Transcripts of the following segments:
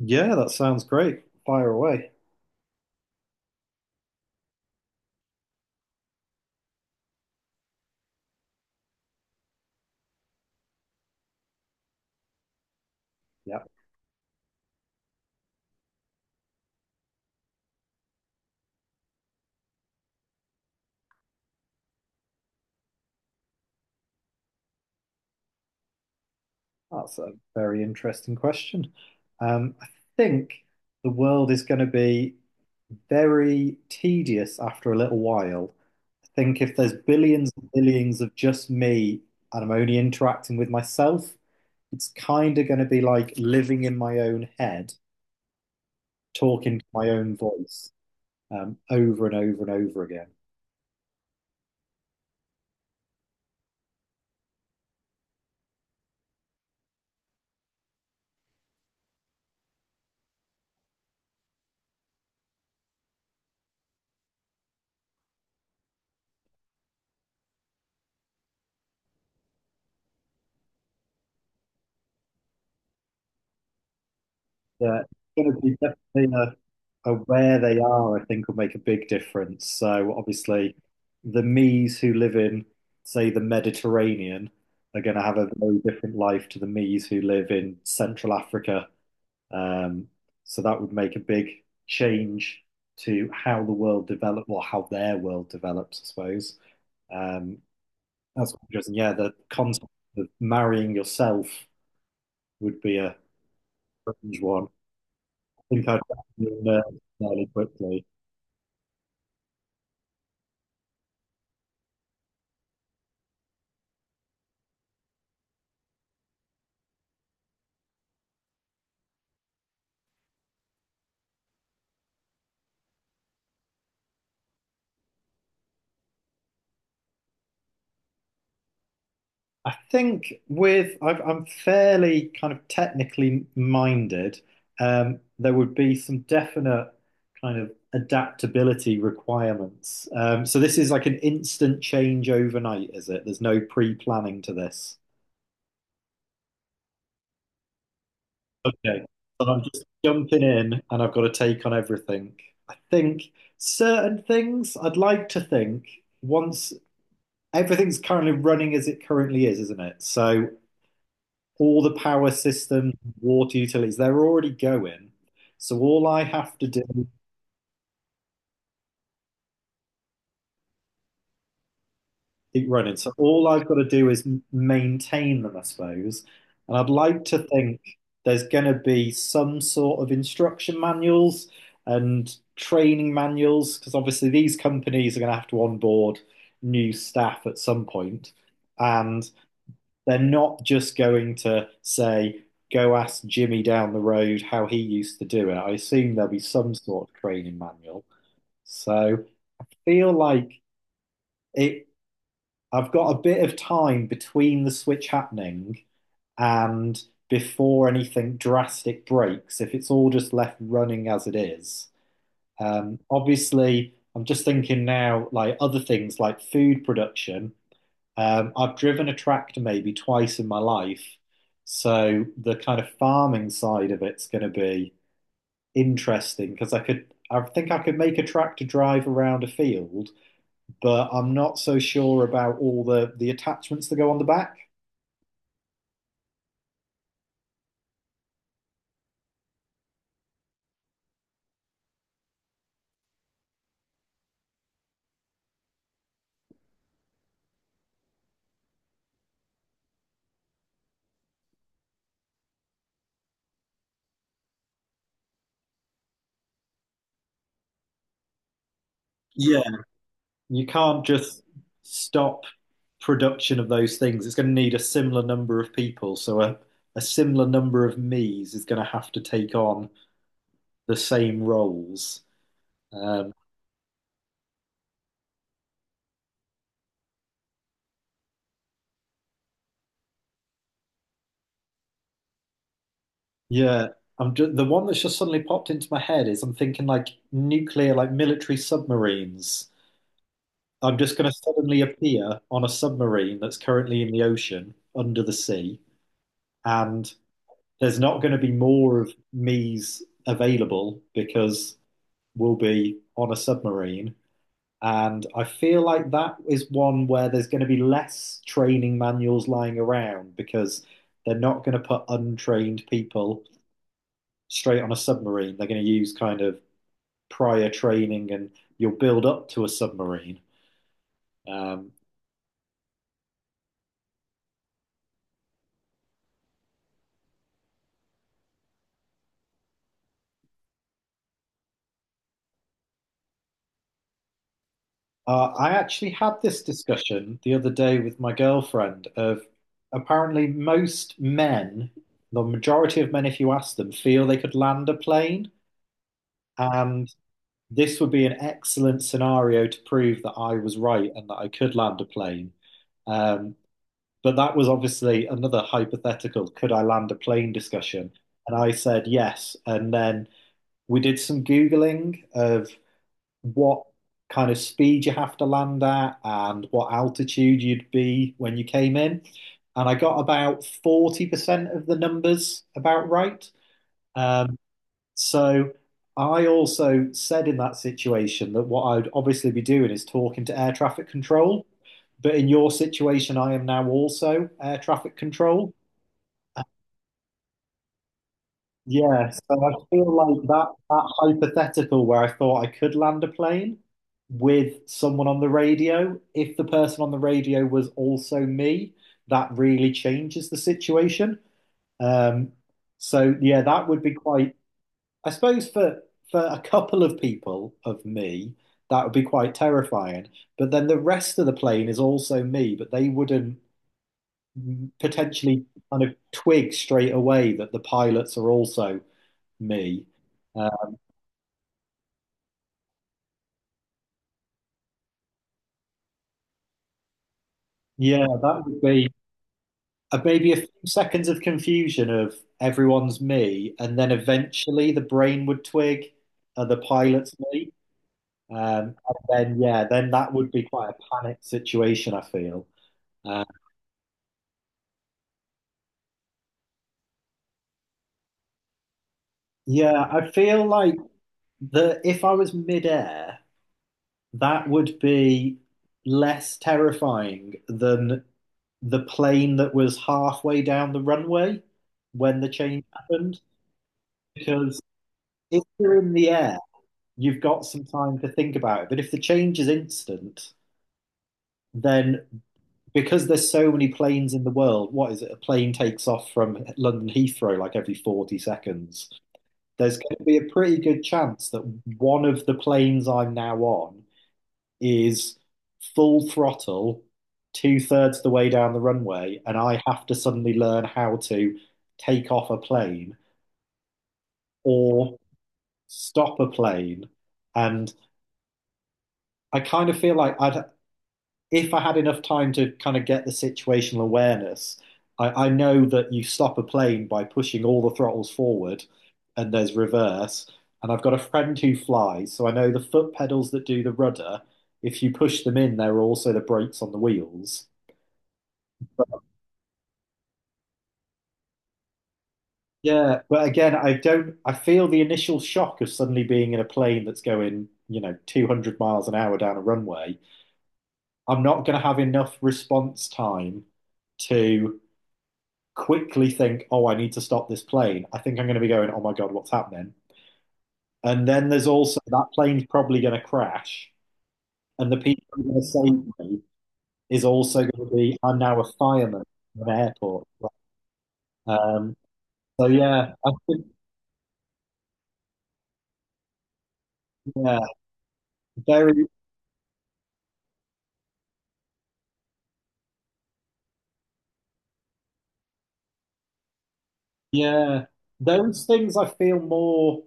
Yeah, that sounds great. Fire away. Yeah, that's a very interesting question. I think the world is going to be very tedious after a little while. I think if there's billions and billions of just me and I'm only interacting with myself, it's kind of going to be like living in my own head, talking to my own voice over and over and over again. Yeah, it's gonna be definitely where they are, I think, will make a big difference. So obviously, the me's who live in, say, the Mediterranean are going to have a very different life to the me's who live in Central Africa. Um, so that would make a big change to how the world develops, or how their world develops, I suppose. Um, that's interesting. Yeah, the concept of marrying yourself would be a strange one think I'd learn fairly quickly. I think with I've, I'm fairly kind of technically minded. There would be some definite kind of adaptability requirements. So this is like an instant change overnight, is it? There's no pre-planning to this. Okay, so I'm just jumping in, and I've got a take on everything. I think certain things I'd like to think once everything's currently running as it currently is, isn't it? So all the power systems, water utilities, they're already going. So all I have to do is keep running. So all I've got to do is maintain them, I suppose. And I'd like to think there's going to be some sort of instruction manuals and training manuals, because obviously these companies are going to have to onboard new staff at some point. And they're not just going to say, go ask Jimmy down the road how he used to do it. I assume there'll be some sort of training manual. So feel like it I've got a bit of time between the switch happening and before anything drastic breaks, if it's all just left running as it is. Obviously, I'm just thinking now, like other things like food production. I've driven a tractor maybe twice in my life, so the kind of farming side of it's going to be interesting because I could, I think I could make a tractor drive around a field, but I'm not so sure about all the attachments that go on the back. Yeah. You can't just stop production of those things. It's going to need a similar number of people, so a similar number of me's is going to have to take on the same roles. Um, Yeah, I'm just, the one that's just suddenly popped into my head is I'm thinking like nuclear, like military submarines. I'm just going to suddenly appear on a submarine that's currently in the ocean under the sea, and there's not going to be more of me's available because we'll be on a submarine. And I feel like that is one where there's going to be less training manuals lying around because they're not going to put untrained people straight on a submarine. They're going to use kind of prior training and you'll build up to a submarine. Um, I actually had this discussion the other day with my girlfriend of apparently most men, the majority of men, if you ask them, feel they could land a plane. And this would be an excellent scenario to prove that I was right and that I could land a plane. Um, but that was obviously another hypothetical, could I land a plane discussion? And I said yes. And then we did some Googling of what kind of speed you have to land at and what altitude you'd be when you came in. And I got about 40% of the numbers about right. Um, so I also said in that situation that what I'd obviously be doing is talking to air traffic control. But in your situation, I am now also air traffic control. Yeah, so I feel like that hypothetical where I thought I could land a plane with someone on the radio, if the person on the radio was also me, that really changes the situation. Um, so yeah, that would be quite, I suppose for a couple of people of me, that would be quite terrifying. But then the rest of the plane is also me, but they wouldn't potentially kind of twig straight away that the pilots are also me. Uh, yeah, that would be maybe a few seconds of confusion of everyone's me, and then eventually the brain would twig the pilot's me. And then, yeah, then that would be quite a panic situation, I feel. Uh, yeah, I feel like the if I was midair, that would be less terrifying than the plane that was halfway down the runway when the change happened because if you're in the air, you've got some time to think about it. But if the change is instant, then because there's so many planes in the world, what is it? A plane takes off from London Heathrow like every 40 seconds. There's going to be a pretty good chance that one of the planes I'm now on is full throttle, two-thirds the way down the runway, and I have to suddenly learn how to take off a plane or stop a plane. And I kind of feel like I'd if I had enough time to kind of get the situational awareness, I know that you stop a plane by pushing all the throttles forward and there's reverse. And I've got a friend who flies, so I know the foot pedals that do the rudder, if you push them in, there are also the brakes on the wheels. Yeah, but again, I don't, I feel the initial shock of suddenly being in a plane that's going, you know, 200 miles an hour down a runway. I'm not going to have enough response time to quickly think, oh, I need to stop this plane. I think I'm going to be going, oh my God, what's happening? And then there's also that plane's probably going to crash. And the people who are going to save me is also going to be, I'm now a fireman at an airport. Um, so yeah, I think, yeah, very, yeah. Those things I feel more,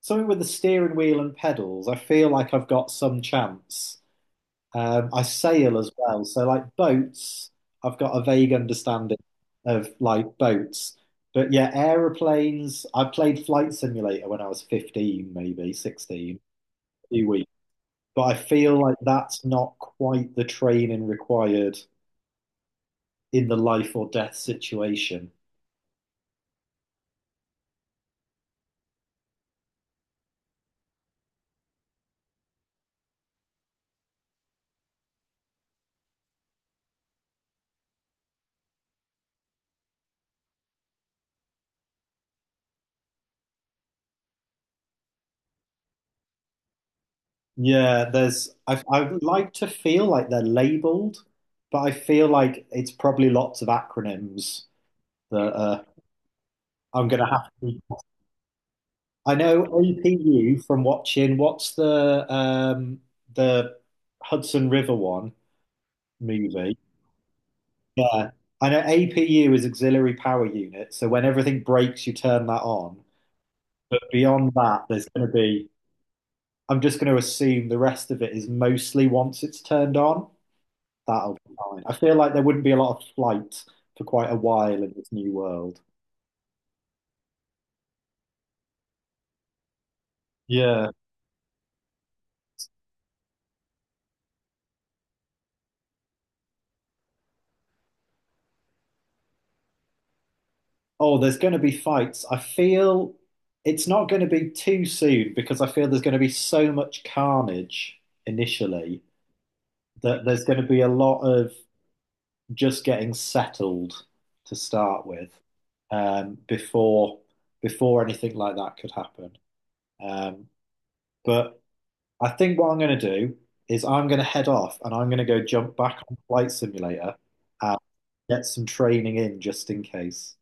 something with the steering wheel and pedals, I feel like I've got some chance. I sail as well. So like boats, I've got a vague understanding of like boats. But yeah, aeroplanes, I played Flight Simulator when I was 15, maybe 16, a few weeks. But I feel like that's not quite the training required in the life or death situation. Yeah, there's I would like to feel like they're labeled, but I feel like it's probably lots of acronyms that I'm gonna have to I know OPU from watching what's the Hudson River one movie. Yeah. I know APU is auxiliary power unit, so when everything breaks, you turn that on. But beyond that, there's going to be, I'm just going to assume the rest of it is mostly once it's turned on, that'll be fine. I feel like there wouldn't be a lot of flight for quite a while in this new world. Yeah. Oh, there's going to be fights. I feel it's not going to be too soon because I feel there's going to be so much carnage initially that there's going to be a lot of just getting settled to start with before anything like that could happen. Um, but I think what I'm going to do is I'm going to head off and I'm going to go jump back on Flight Simulator and get some training in just in case.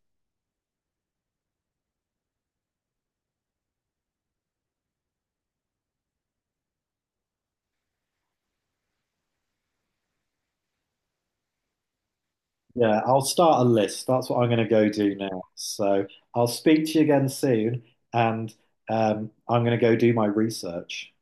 Yeah, I'll start a list. That's what I'm going to go do now. So I'll speak to you again soon, and I'm going to go do my research.